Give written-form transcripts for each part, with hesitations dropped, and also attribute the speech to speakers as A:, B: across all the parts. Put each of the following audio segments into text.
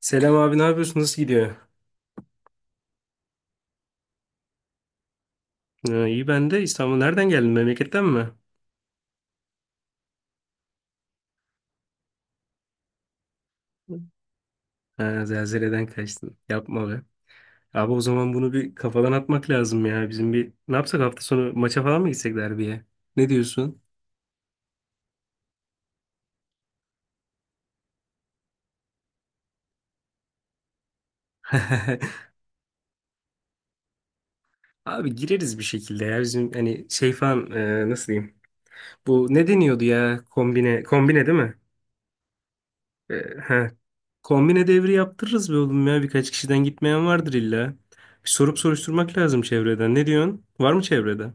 A: Selam abi ne yapıyorsun? Nasıl gidiyor? Ha, iyi ben de İstanbul. Nereden geldin? Memleketten mi? Ha, zelzeleden kaçtın. Yapma be. Abi o zaman bunu bir kafadan atmak lazım ya. Bizim bir ne yapsak hafta sonu maça falan mı gitsek derbiye? Ne diyorsun? Abi gireriz bir şekilde ya. Bizim hani şey falan Nasıl diyeyim? Bu ne deniyordu ya? Kombine. Kombine değil mi? E, he. Kombine devri yaptırırız be oğlum ya. Birkaç kişiden gitmeyen vardır illa. Bir sorup soruşturmak lazım çevreden. Ne diyorsun? Var mı çevrede?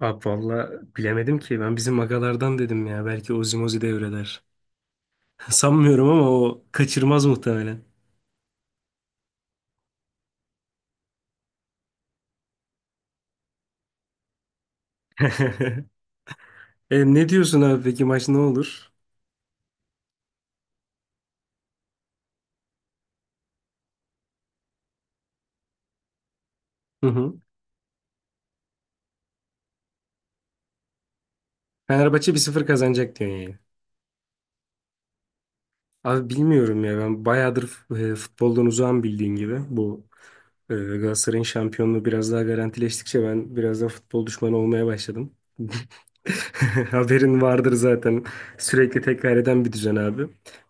A: Abi valla bilemedim ki. Ben bizim agalardan dedim ya. Belki Ozi devreler. Sanmıyorum ama o kaçırmaz muhtemelen. Ne diyorsun abi peki maç ne olur? Hı hı. Fenerbahçe 1-0 kazanacak diyorsun yani. Abi bilmiyorum ya ben bayağıdır futboldan uzağım bildiğin gibi. Bu Galatasaray'ın şampiyonluğu biraz daha garantileştikçe ben biraz da futbol düşmanı olmaya başladım. Haberin vardır zaten. Sürekli tekrar eden bir düzen abi.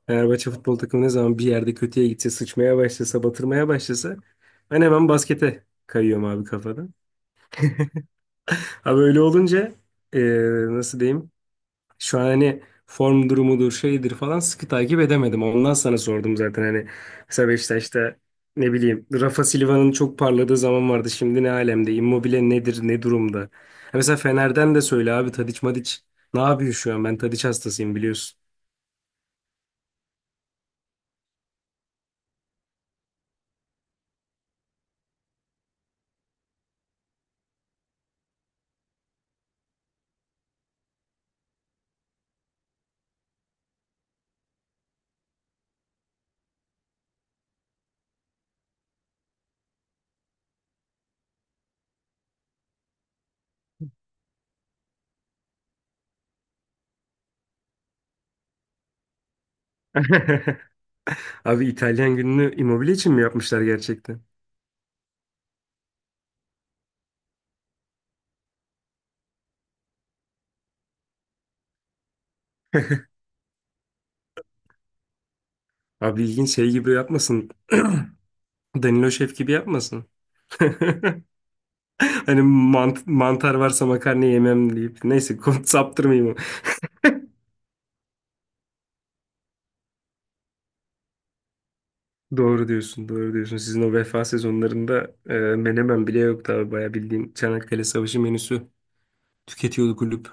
A: Fenerbahçe futbol takımı ne zaman bir yerde kötüye gitse, sıçmaya başlasa, batırmaya başlasa ben hemen baskete kayıyorum abi kafada. Abi öyle olunca ee, nasıl diyeyim? Şu an hani form durumudur, şeydir falan sıkı takip edemedim. Ondan sana sordum zaten hani mesela Beşiktaş'ta ne bileyim Rafa Silva'nın çok parladığı zaman vardı. Şimdi ne alemde? Immobile nedir? Ne durumda? Ha, mesela Fener'den de söyle abi Tadiç Madiç ne yapıyor şu an? Ben Tadiç hastasıyım biliyorsun. Abi İtalyan gününü Immobile için mi yapmışlar gerçekten? Abi ilginç şey gibi yapmasın. Danilo Şef gibi yapmasın. Hani mantar varsa makarna yemem deyip. Neyse konu saptırmayayım. Doğru diyorsun, doğru diyorsun. Sizin o vefa sezonlarında menemen bile yoktu abi. Bayağı bildiğin Çanakkale Savaşı menüsü tüketiyordu kulüp.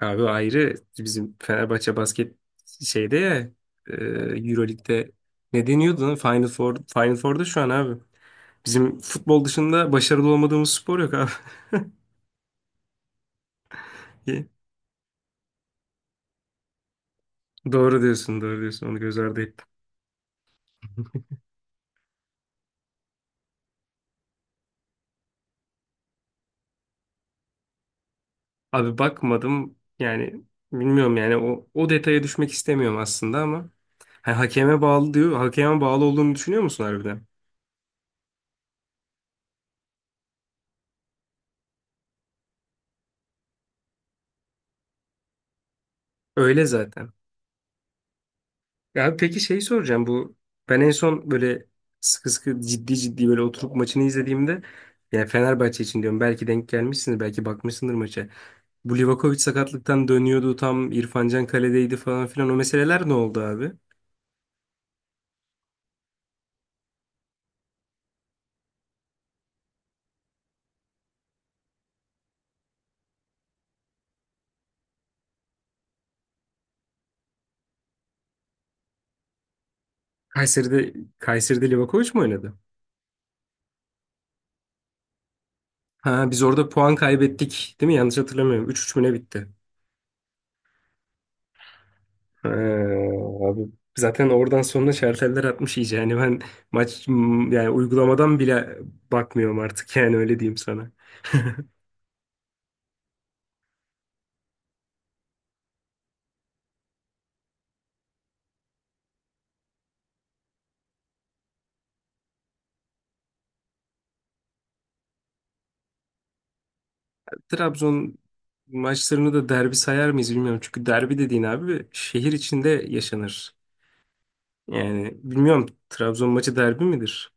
A: Abi o ayrı bizim Fenerbahçe basket şeyde ya, e, Euroleague'de ne deniyordu lan? Final Four'da şu an abi. Bizim futbol dışında başarılı olmadığımız spor yok abi. Doğru diyorsun, doğru diyorsun. Onu göz ardı ettim. Abi bakmadım yani, bilmiyorum yani, o detaya düşmek istemiyorum aslında ama. Ha, hakeme bağlı diyor. Hakeme bağlı olduğunu düşünüyor musun harbiden? Öyle zaten. Ya peki şeyi soracağım, bu ben en son böyle sıkı sıkı ciddi ciddi böyle oturup maçını izlediğimde, yani Fenerbahçe için diyorum, belki denk gelmişsindir, belki bakmışsındır maça. Bu Livakovic sakatlıktan dönüyordu, tam İrfan Can kaledeydi falan filan, o meseleler ne oldu abi? Kayseri'de Kayseri'de Livakovic mi oynadı? Ha, biz orada puan kaybettik değil mi? Yanlış hatırlamıyorum. Üç üç mü ne bitti? Ha, abi zaten oradan sonra şarteller atmış iyice. Yani ben yani uygulamadan bile bakmıyorum artık, yani öyle diyeyim sana. Trabzon maçlarını da derbi sayar mıyız bilmiyorum. Çünkü derbi dediğin abi şehir içinde yaşanır. Yani bilmiyorum, Trabzon maçı derbi midir?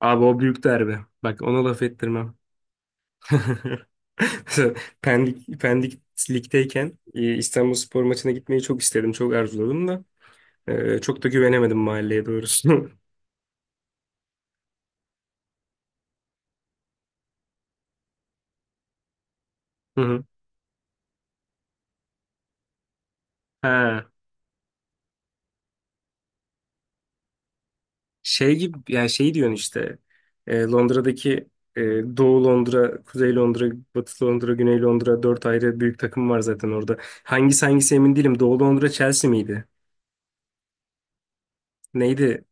A: Abi o büyük derbi. Bak ona laf ettirmem. Pendik'teyken İstanbulspor maçına gitmeyi çok istedim, çok arzuladım da çok da güvenemedim mahalleye doğrusu. Hı hı. Ha, şey gibi yani, şey diyorsun işte, Londra'daki e, Doğu Londra, Kuzey Londra, Batı Londra, Güney Londra, dört ayrı büyük takım var zaten orada. Hangisi emin değilim. Doğu Londra Chelsea miydi? Neydi?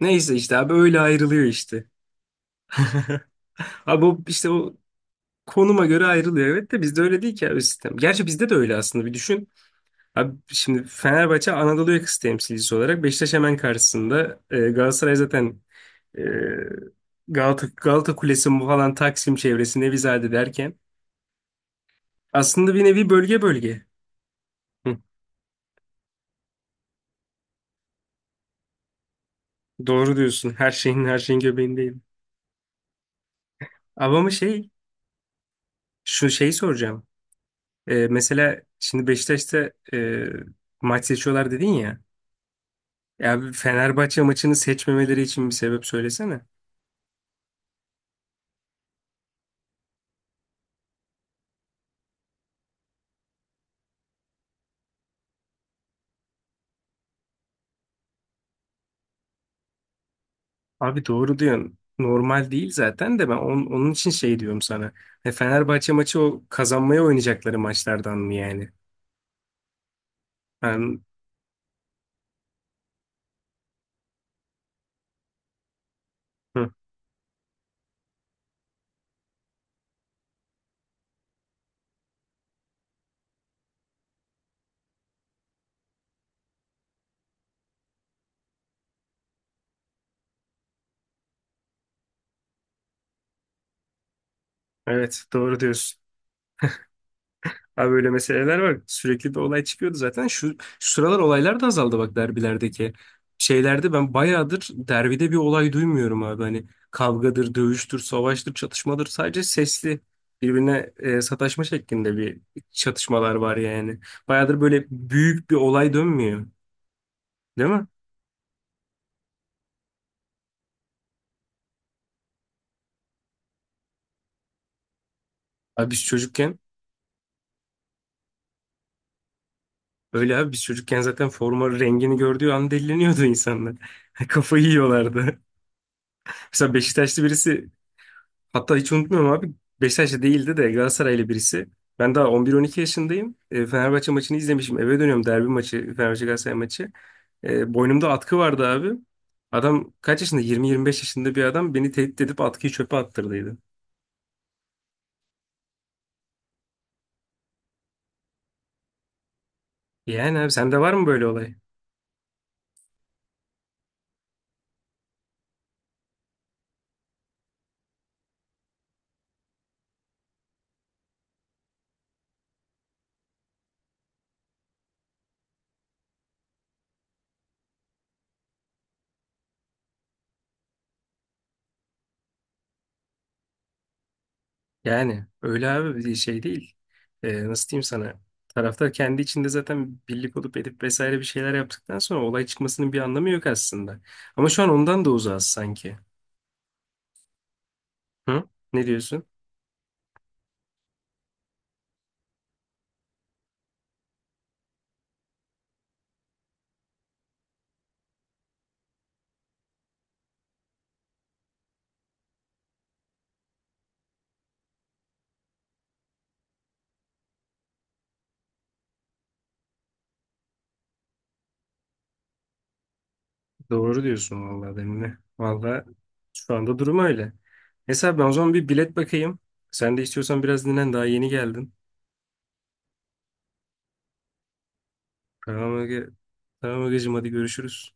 A: Neyse işte abi, öyle ayrılıyor işte. Abi o, işte o konuma göre ayrılıyor. Evet de bizde öyle değil ki abi sistem. Gerçi bizde de öyle aslında, bir düşün. Abi şimdi Fenerbahçe Anadolu yakası temsilcisi olarak Beşiktaş hemen karşısında. Galatasaray zaten e, Galata Kulesi bu falan, Taksim çevresi, Nevizade derken, aslında bir nevi bölge bölge. Hı, doğru diyorsun. Her şeyin göbeğindeyim. Ama ama şey Şu şeyi soracağım. Mesela şimdi Beşiktaş'ta maç seçiyorlar dedin ya. Ya bir Fenerbahçe maçını seçmemeleri için bir sebep söylesene. Abi doğru diyorsun. Normal değil zaten, de ben onun için şey diyorum sana. Fenerbahçe maçı o kazanmaya oynayacakları maçlardan mı yani? Ben, hı, evet doğru diyorsun. Abi böyle meseleler var. Sürekli bir olay çıkıyordu zaten. Şu sıralar olaylar da azaldı bak, derbilerdeki. Şeylerde ben bayağıdır derbide bir olay duymuyorum abi. Hani kavgadır, dövüştür, savaştır, çatışmadır. Sadece sesli birbirine sataşma şeklinde bir çatışmalar var yani. Bayağıdır böyle büyük bir olay dönmüyor. Değil mi? Abi biz çocukken Öyle abi biz çocukken zaten forma rengini gördüğü an deliniyordu insanlar. Kafayı yiyorlardı. Mesela Beşiktaşlı birisi, hatta hiç unutmuyorum abi, Beşiktaşlı değildi de Galatasaraylı birisi. Ben daha 11-12 yaşındayım. Fenerbahçe maçını izlemişim. Eve dönüyorum, derbi maçı, Fenerbahçe Galatasaray maçı. Boynumda atkı vardı abi. Adam kaç yaşında? 20-25 yaşında bir adam beni tehdit edip atkıyı çöpe attırdıydı. Yani abi, sende var mı böyle olay? Yani öyle abi, bir şey değil. Nasıl diyeyim sana? Taraftar kendi içinde zaten birlik olup edip vesaire bir şeyler yaptıktan sonra olay çıkmasının bir anlamı yok aslında. Ama şu an ondan da uzağız sanki. Hı? Ne diyorsun? Doğru diyorsun vallahi Demine. Vallahi şu anda durum öyle. Mesela ben o zaman bir bilet bakayım. Sen de istiyorsan biraz dinlen, daha yeni geldin. Tamam Ege. Tamam Ege'cim, hadi görüşürüz.